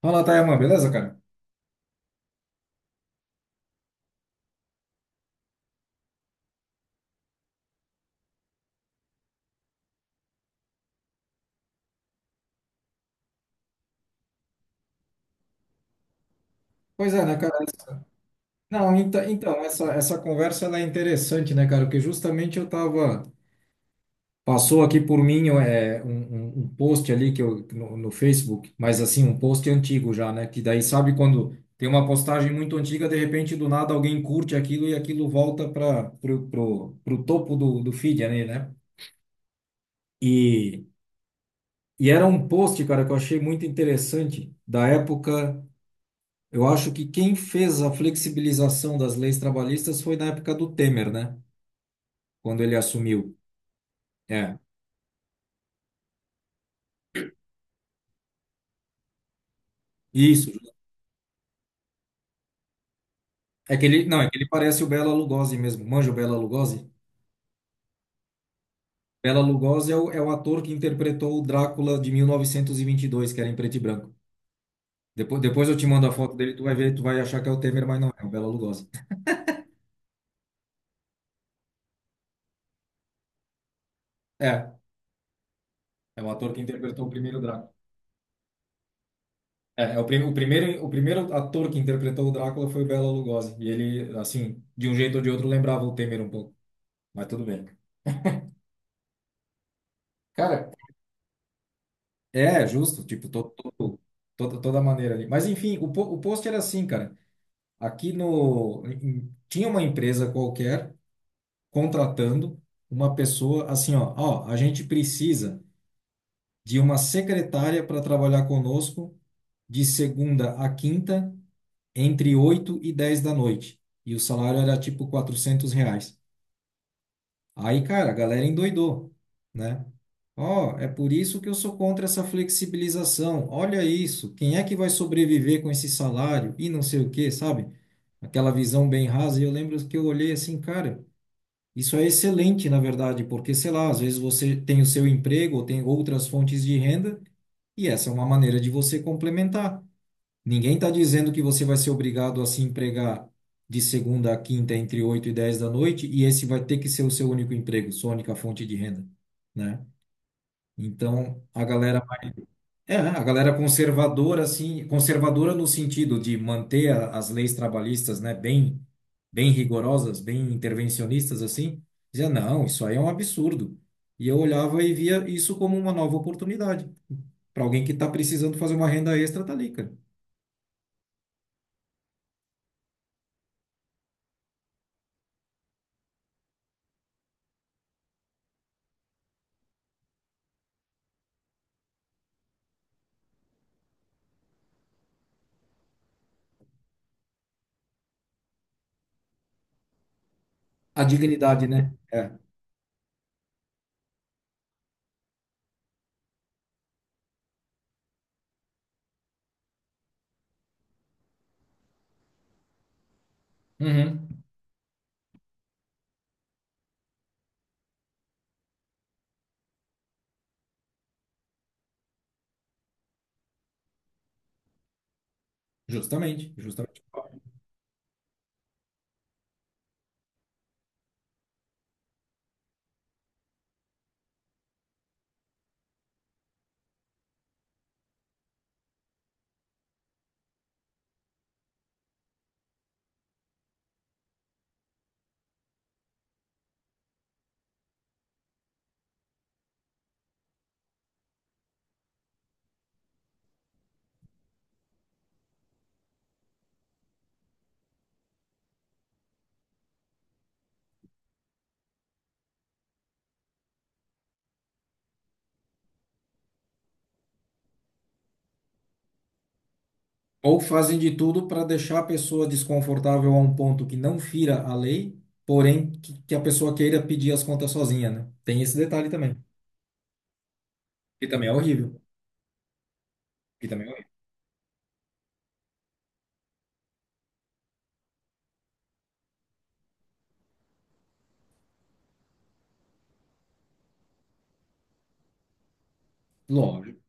Fala, Tayaman, beleza, cara? Pois é, né, cara? Não, então, então essa conversa ela é interessante, né, cara? Porque justamente eu tava passou aqui por mim um post ali que eu, no Facebook, mas assim, um post antigo já, né? Que daí sabe quando tem uma postagem muito antiga, de repente do nada alguém curte aquilo e aquilo volta pro topo do feed ali, né? E, e era um post, cara, que eu achei muito interessante da época. Eu acho que quem fez a flexibilização das leis trabalhistas foi na época do Temer, né? Quando ele assumiu. É, isso. É que ele, não, é que ele parece o Bela Lugosi mesmo. Manja o Bela Lugosi? Bela Lugosi é o ator que interpretou o Drácula de 1922, que era em preto e branco. Depois eu te mando a foto dele, tu vai ver, tu vai achar que é o Temer, mas não, é o Bela Lugosi. É, é o ator que interpretou o primeiro Drácula. O primeiro ator que interpretou o Drácula foi o Bela Lugosi. E ele, assim, de um jeito ou de outro, lembrava o Temer um pouco. Mas tudo bem. Cara, é justo, tipo, to- toda maneira ali. Mas enfim, o post era assim, cara. Aqui no. em- em- Tinha uma empresa qualquer contratando uma pessoa assim, ó. Ó, a gente precisa de uma secretária para trabalhar conosco de segunda a quinta, entre 8 e 10 da noite. E o salário era tipo R$ 400. Aí, cara, a galera endoidou, né? Ó, é por isso que eu sou contra essa flexibilização. Olha isso, quem é que vai sobreviver com esse salário e não sei o quê, sabe? Aquela visão bem rasa. E eu lembro que eu olhei assim, cara, isso é excelente, na verdade, porque, sei lá, às vezes você tem o seu emprego ou tem outras fontes de renda e essa é uma maneira de você complementar. Ninguém está dizendo que você vai ser obrigado a se empregar de segunda a quinta entre 8 e 10 da noite e esse vai ter que ser o seu único emprego, sua única fonte de renda, né? Então, a galera conservadora assim, conservadora no sentido de manter as leis trabalhistas, né, bem rigorosas, bem intervencionistas assim, dizia, não, isso aí é um absurdo. E eu olhava e via isso como uma nova oportunidade para alguém que está precisando fazer uma renda extra, tá ali, cara. A dignidade, né? É. Uhum. Justamente, justamente. Ou fazem de tudo para deixar a pessoa desconfortável a um ponto que não fira a lei, porém que a pessoa queira pedir as contas sozinha, né? Tem esse detalhe também, que também é horrível, que também é horrível. Lógico.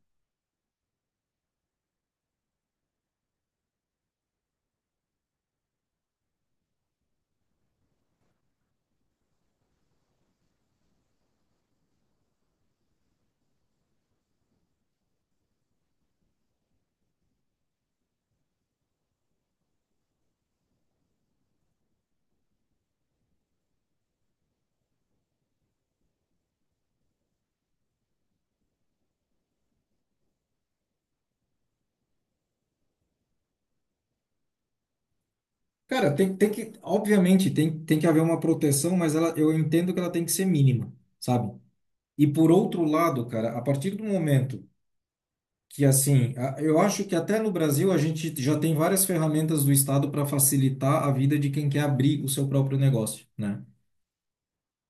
Cara, tem que haver uma proteção, mas ela, eu entendo que ela tem que ser mínima, sabe? E por outro lado, cara, a partir do momento que assim, eu acho que até no Brasil a gente já tem várias ferramentas do Estado para facilitar a vida de quem quer abrir o seu próprio negócio, né?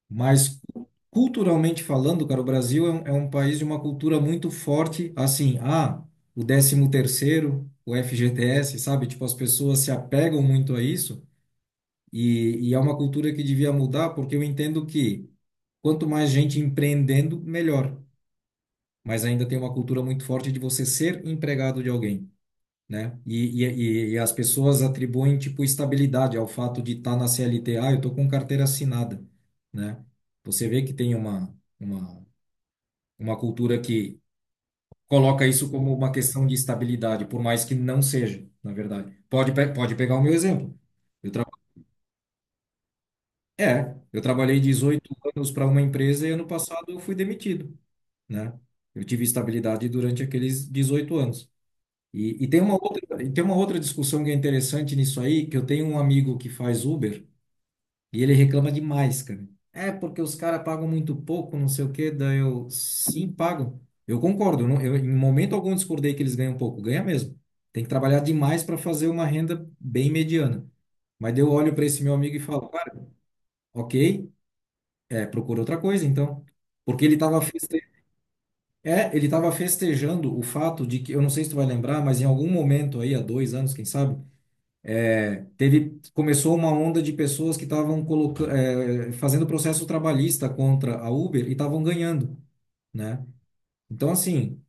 Mas culturalmente falando, cara, o Brasil é um país de uma cultura muito forte, assim, ah, o décimo terceiro, o FGTS, sabe? Tipo, as pessoas se apegam muito a isso e é uma cultura que devia mudar, porque eu entendo que quanto mais gente empreendendo, melhor. Mas ainda tem uma cultura muito forte de você ser empregado de alguém, né? E as pessoas atribuem, tipo, estabilidade ao fato de estar na CLT. Ah, eu tô com carteira assinada, né? Você vê que tem uma, uma cultura que coloca isso como uma questão de estabilidade, por mais que não seja, na verdade. Pode pegar o meu exemplo. Eu tra... É, eu trabalhei 18 anos para uma empresa e ano passado eu fui demitido, né? Eu tive estabilidade durante aqueles 18 anos. E tem uma outra, e tem uma outra discussão que é interessante nisso aí, que eu tenho um amigo que faz Uber e ele reclama demais, cara. É porque os caras pagam muito pouco, não sei o quê, daí eu, sim, pagam. Eu concordo, eu não, eu, em momento algum discordei que eles ganham pouco, ganha mesmo. Tem que trabalhar demais para fazer uma renda bem mediana. Mas daí eu olho para esse meu amigo e falo, cara, ok, é, procura outra coisa então. Porque ele estava ele estava festejando o fato de que, eu não sei se tu vai lembrar, mas em algum momento aí, há dois anos, quem sabe, teve, começou uma onda de pessoas que estavam colocando, é, fazendo processo trabalhista contra a Uber e estavam ganhando, né? Então, assim,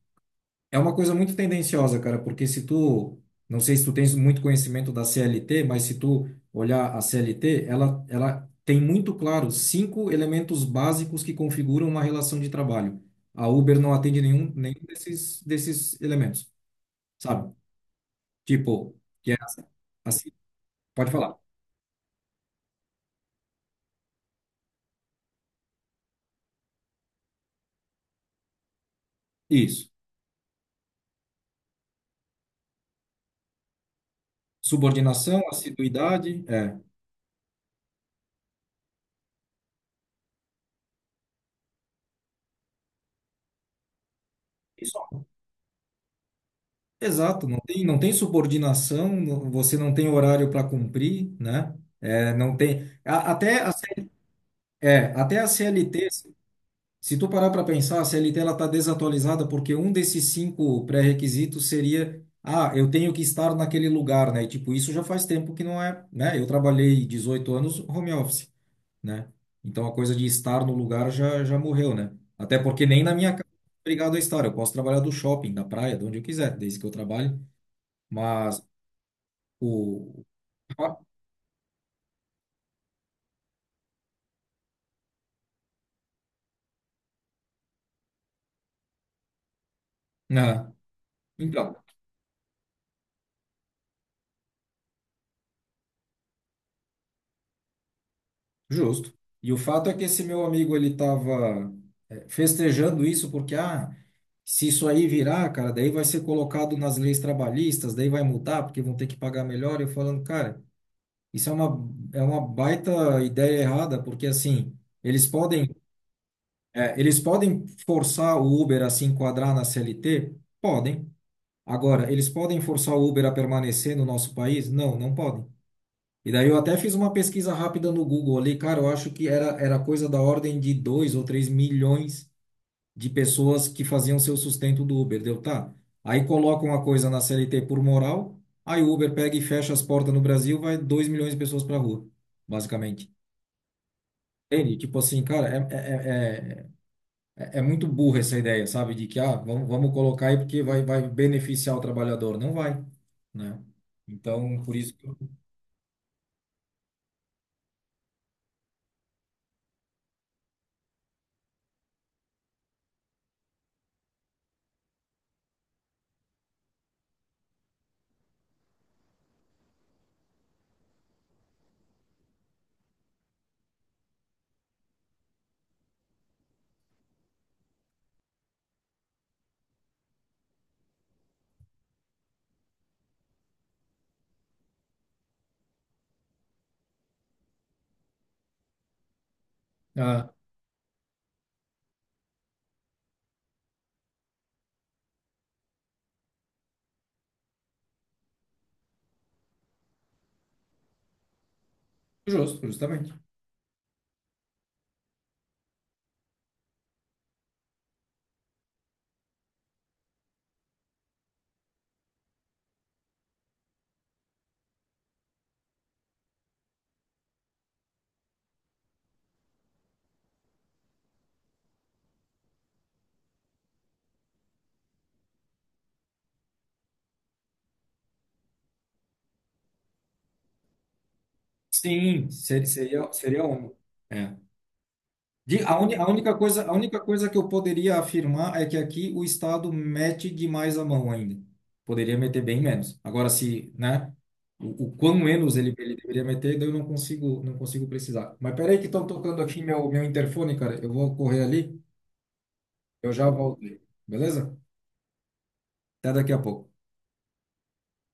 é uma coisa muito tendenciosa, cara, porque se tu, não sei se tu tens muito conhecimento da CLT, mas se tu olhar a CLT, ela tem muito claro 5 elementos básicos que configuram uma relação de trabalho. A Uber não atende nenhum, nenhum desses elementos, sabe? Tipo, que é, assim, pode falar. Isso. Subordinação, assiduidade, é. Isso. Exato, não tem, não tem subordinação, você não tem horário para cumprir, né? É, não tem. Até a CLT, se tu parar para pensar, a CLT ela está desatualizada porque um desses 5 pré-requisitos seria, ah, eu tenho que estar naquele lugar, né? E, tipo, isso já faz tempo que não é, né? Eu trabalhei 18 anos home office, né? Então a coisa de estar no lugar já, já morreu, né? Até porque nem na minha casa eu sou obrigado a estar. Eu posso trabalhar do shopping, da praia, de onde eu quiser, desde que eu trabalhe. Mas o. Ah, né? Então, justo. E o fato é que esse meu amigo ele estava festejando isso porque, ah, se isso aí virar, cara, daí vai ser colocado nas leis trabalhistas, daí vai mudar porque vão ter que pagar melhor. Eu falando, cara, isso é é uma baita ideia errada, porque assim. Eles podem É, eles podem forçar o Uber a se enquadrar na CLT? Podem. Agora, eles podem forçar o Uber a permanecer no nosso país? Não, não podem. E daí eu até fiz uma pesquisa rápida no Google ali, cara, eu acho que era coisa da ordem de 2 ou 3 milhões de pessoas que faziam seu sustento do Uber, deu tá? Aí colocam a coisa na CLT por moral, aí o Uber pega e fecha as portas no Brasil, vai 2 milhões de pessoas pra rua, basicamente. Entende? Tipo assim, cara, é, é muito burra essa ideia, sabe? De que, ah, vamos, vamos colocar aí porque vai, vai beneficiar o trabalhador. Não vai, né? Então, por isso que... Ah, justo, justamente. Sim, seria, seria um. É. A única coisa que eu poderia afirmar é que aqui o Estado mete demais a mão ainda. Poderia meter bem menos. Agora, se, né? O quão menos ele deveria meter, daí eu não consigo, não consigo precisar. Mas peraí que estão tocando aqui meu interfone, cara. Eu vou correr ali. Eu já voltei. Beleza? Até daqui a pouco.